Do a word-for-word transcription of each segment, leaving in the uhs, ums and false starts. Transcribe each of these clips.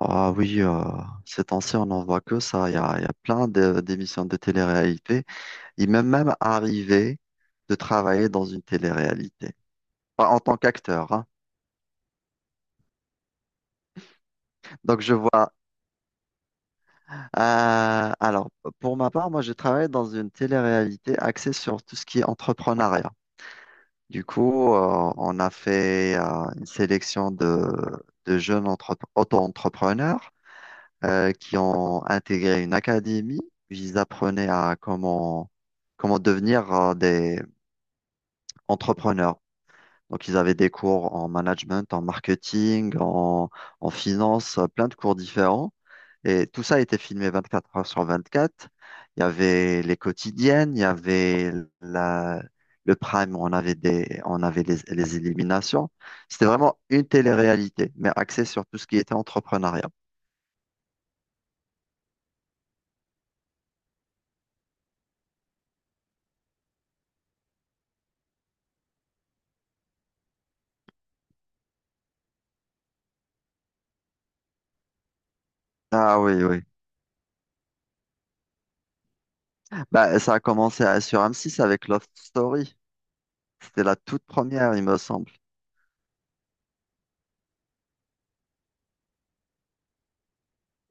Ah oui, euh, ces temps-ci, on n'en voit que ça. Il y a, il y a plein de- d'émissions de télé-réalité. Il m'est même arrivé de travailler dans une télé-réalité, pas en tant qu'acteur, hein. Donc je vois. Euh, alors, pour ma part, moi, j'ai travaillé dans une télé-réalité axée sur tout ce qui est entrepreneuriat. Du coup, euh, on a fait euh, une sélection de, de jeunes entre- auto-entrepreneurs, euh, qui ont intégré une académie où ils apprenaient à comment, comment devenir euh, des entrepreneurs. Donc, ils avaient des cours en management, en marketing, en, en finance, euh, plein de cours différents. Et tout ça était filmé vingt-quatre heures sur vingt-quatre. Il y avait les quotidiennes, il y avait la, le prime, on avait des, on avait les, les éliminations. C'était vraiment une télé-réalité, mais axée sur tout ce qui était entrepreneuriat. Ah oui, oui. Bah, ça a commencé à- sur M six avec Love Story. C'était la toute première, il me semble.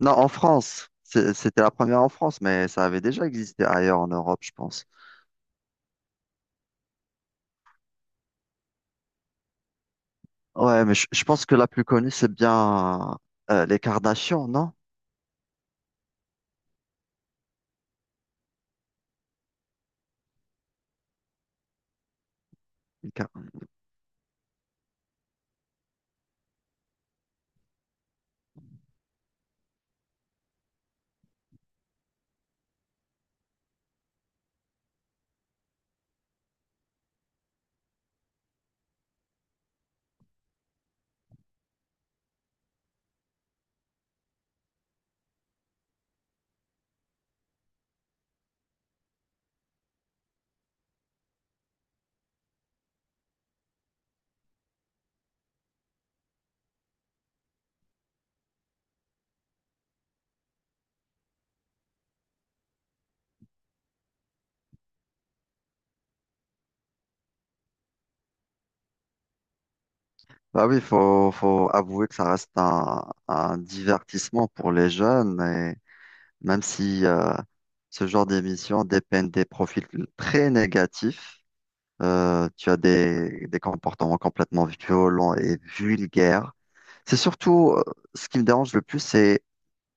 Non, en France. C'est- C'était la première en France, mais ça avait déjà existé ailleurs en Europe, je pense. Ouais, mais je, je pense que la plus connue, c'est bien euh, les Kardashians, non? Les Kar- Bah oui, faut, faut avouer que ça reste un, un divertissement pour les jeunes, et même si euh, ce genre d'émission dépeignent des profils très négatifs. Euh, tu as des, des comportements complètement violents et vulgaires. C'est surtout euh, ce qui me dérange le plus, c'est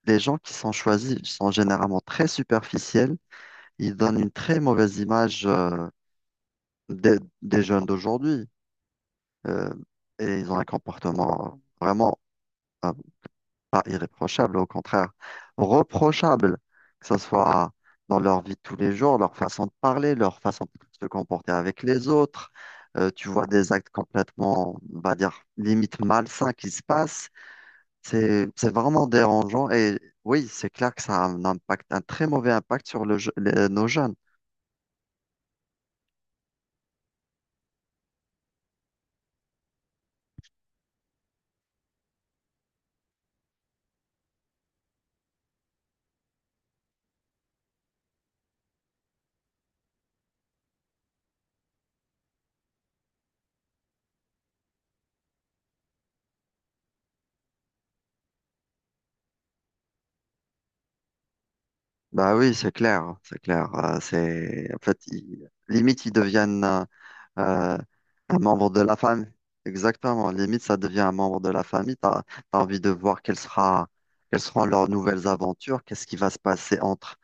les gens qui sont choisis sont généralement très superficiels. Ils donnent une très mauvaise image euh, des, des jeunes d'aujourd'hui. Euh, et ils ont un comportement vraiment pas irréprochable, au contraire, reprochable, que ce soit dans leur vie de tous les jours, leur façon de parler, leur façon de se comporter avec les autres. Euh, tu vois des actes complètement, on va dire, limite malsains qui se passent. C'est, c'est vraiment dérangeant et oui, c'est clair que ça a un impact, un très mauvais impact sur le, je- les- nos jeunes. Bah oui, c'est clair, c'est clair. Euh, c'est, en fait, ils- limite, ils deviennent, euh, euh, un membre de la famille. Exactement. Limite, ça devient un membre de la famille. T'as, t'as envie de voir quelle sera, quelles seront leurs nouvelles aventures, qu'est-ce qui va se passer entre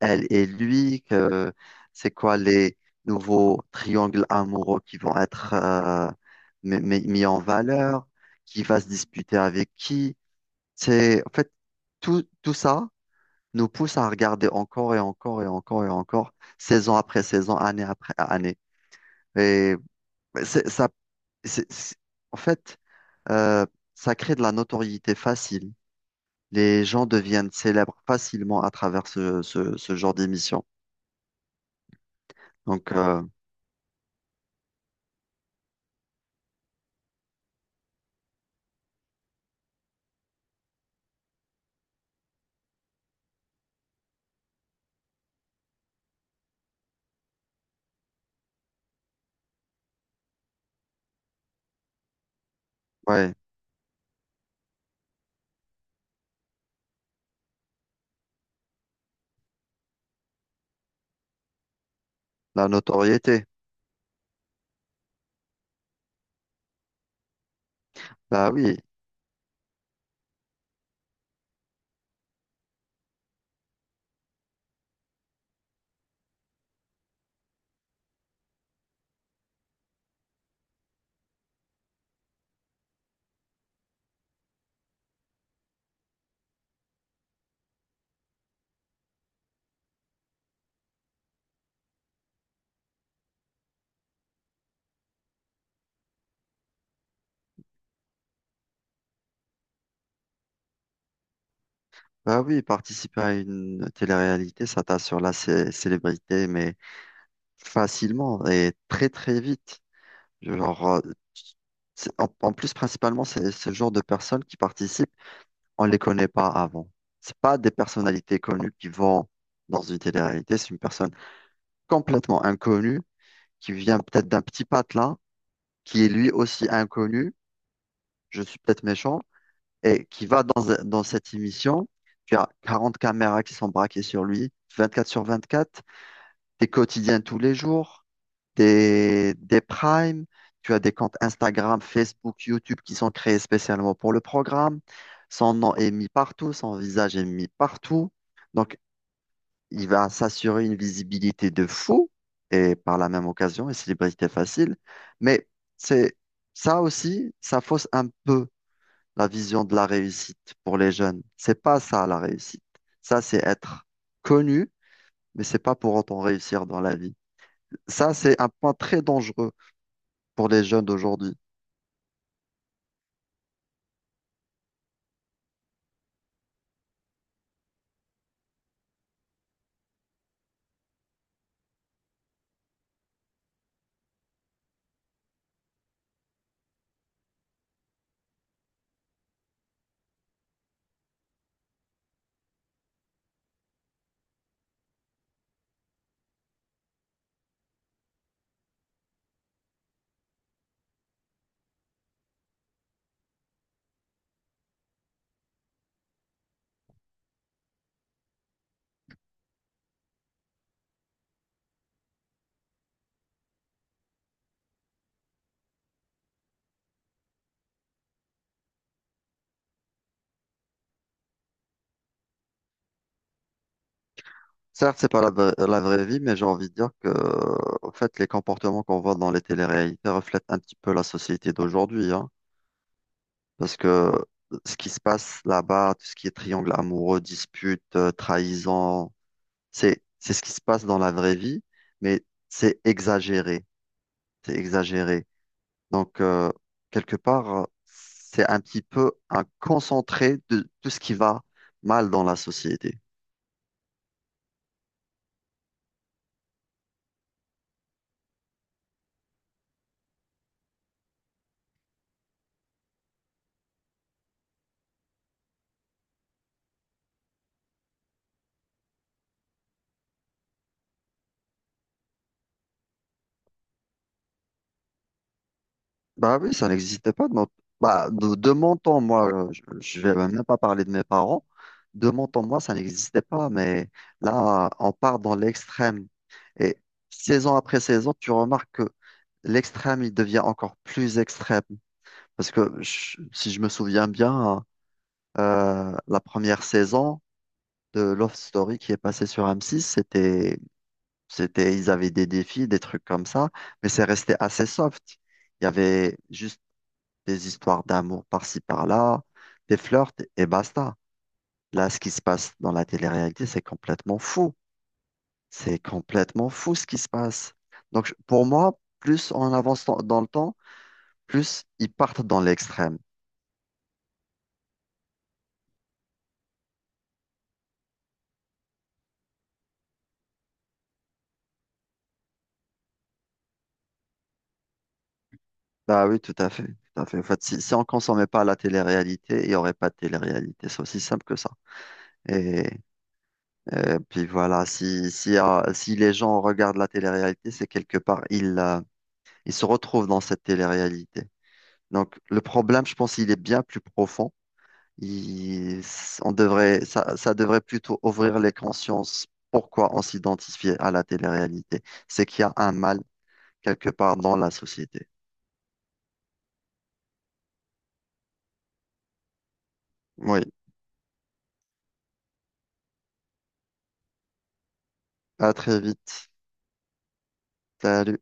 elle et lui, que c'est quoi les nouveaux triangles amoureux qui vont être euh, mi- mi- mis en valeur, qui va se disputer avec qui. C'est, en fait, tout, tout ça nous pousse à regarder encore et encore et encore et encore, saison après saison, année après année. Et c'est- ça c'est- c'est- en fait, euh, ça crée de la notoriété facile. Les gens deviennent célèbres facilement à travers ce, ce, ce genre d'émission. Donc, euh, ouais, la notoriété. Bah oui, bah oui, participer à une télé-réalité, ça t'assure la cé- célébrité, mais facilement et très très vite. Genre, euh, c'est- en, en plus, principalement, c'est ce genre de personnes qui participent, on les connaît pas avant. C'est pas des personnalités connues qui vont dans une télé-réalité, c'est une personne complètement inconnu, qui vient peut-être d'un petit patelin, qui est lui aussi inconnu, je suis peut-être méchant, et qui va dans, dans cette émission. Tu as quarante caméras qui sont braquées sur lui, vingt-quatre sur vingt-quatre, des quotidiens tous les jours, des, des primes, tu as des comptes Instagram, Facebook, YouTube qui sont créés spécialement pour le programme. Son nom est mis partout, son visage est mis partout. Donc, il va s'assurer une visibilité de fou et par la même occasion une célébrité facile. Mais c'est ça aussi, ça fausse un peu la vision de la réussite pour les jeunes. C'est pas ça la réussite. Ça, c'est être connu, mais c'est pas pour autant réussir dans la vie. Ça, c'est un point très dangereux pour les jeunes d'aujourd'hui. Certes, c'est pas la, vra- la vraie vie, mais j'ai envie de dire que, en fait, les comportements qu'on voit dans les téléréalités reflètent un petit peu la société d'aujourd'hui, hein. Parce que ce qui se passe là-bas, tout ce qui est triangle amoureux, dispute, euh, trahison, c'est c'est ce qui se passe dans la vraie vie, mais c'est exagéré, c'est exagéré. Donc euh, quelque part, euh, c'est un petit peu un concentré de tout ce qui va mal dans la société. Bah oui, ça n'existait pas. de mon- Bah, de, de mon temps, moi, euh, je, je vais même pas parler de mes parents. De mon temps, moi, ça n'existait pas. Mais là, on part dans l'extrême. Et saison après saison, tu remarques que l'extrême, il devient encore plus extrême. Parce que je- si je me souviens bien, euh, la première saison de Love Story qui est passée sur M six, c'était, c'était, ils avaient des défis, des trucs comme ça. Mais c'est resté assez soft. Il y avait juste des histoires d'amour par-ci par-là, des flirts et basta. Là, ce qui se passe dans la télé-réalité, c'est complètement fou. C'est complètement fou ce qui se passe. Donc, je- pour moi, plus on avance dans dans le temps, plus ils partent dans l'extrême. Bah oui, tout à fait, tout à fait. En fait, si, si on ne consommait pas la télé-réalité, il n'y aurait pas de télé-réalité. C'est aussi simple que ça. Et, et puis voilà, si, si, euh, si les gens regardent la télé-réalité, c'est quelque part, ils, euh, ils se retrouvent dans cette télé-réalité. Donc, le problème, je pense, il est bien plus profond. Il- on devrait, ça, ça devrait plutôt ouvrir les consciences. Pourquoi on s'identifie à la télé-réalité? C'est qu'il y a un mal quelque part dans la société. Oui, à très vite. Salut.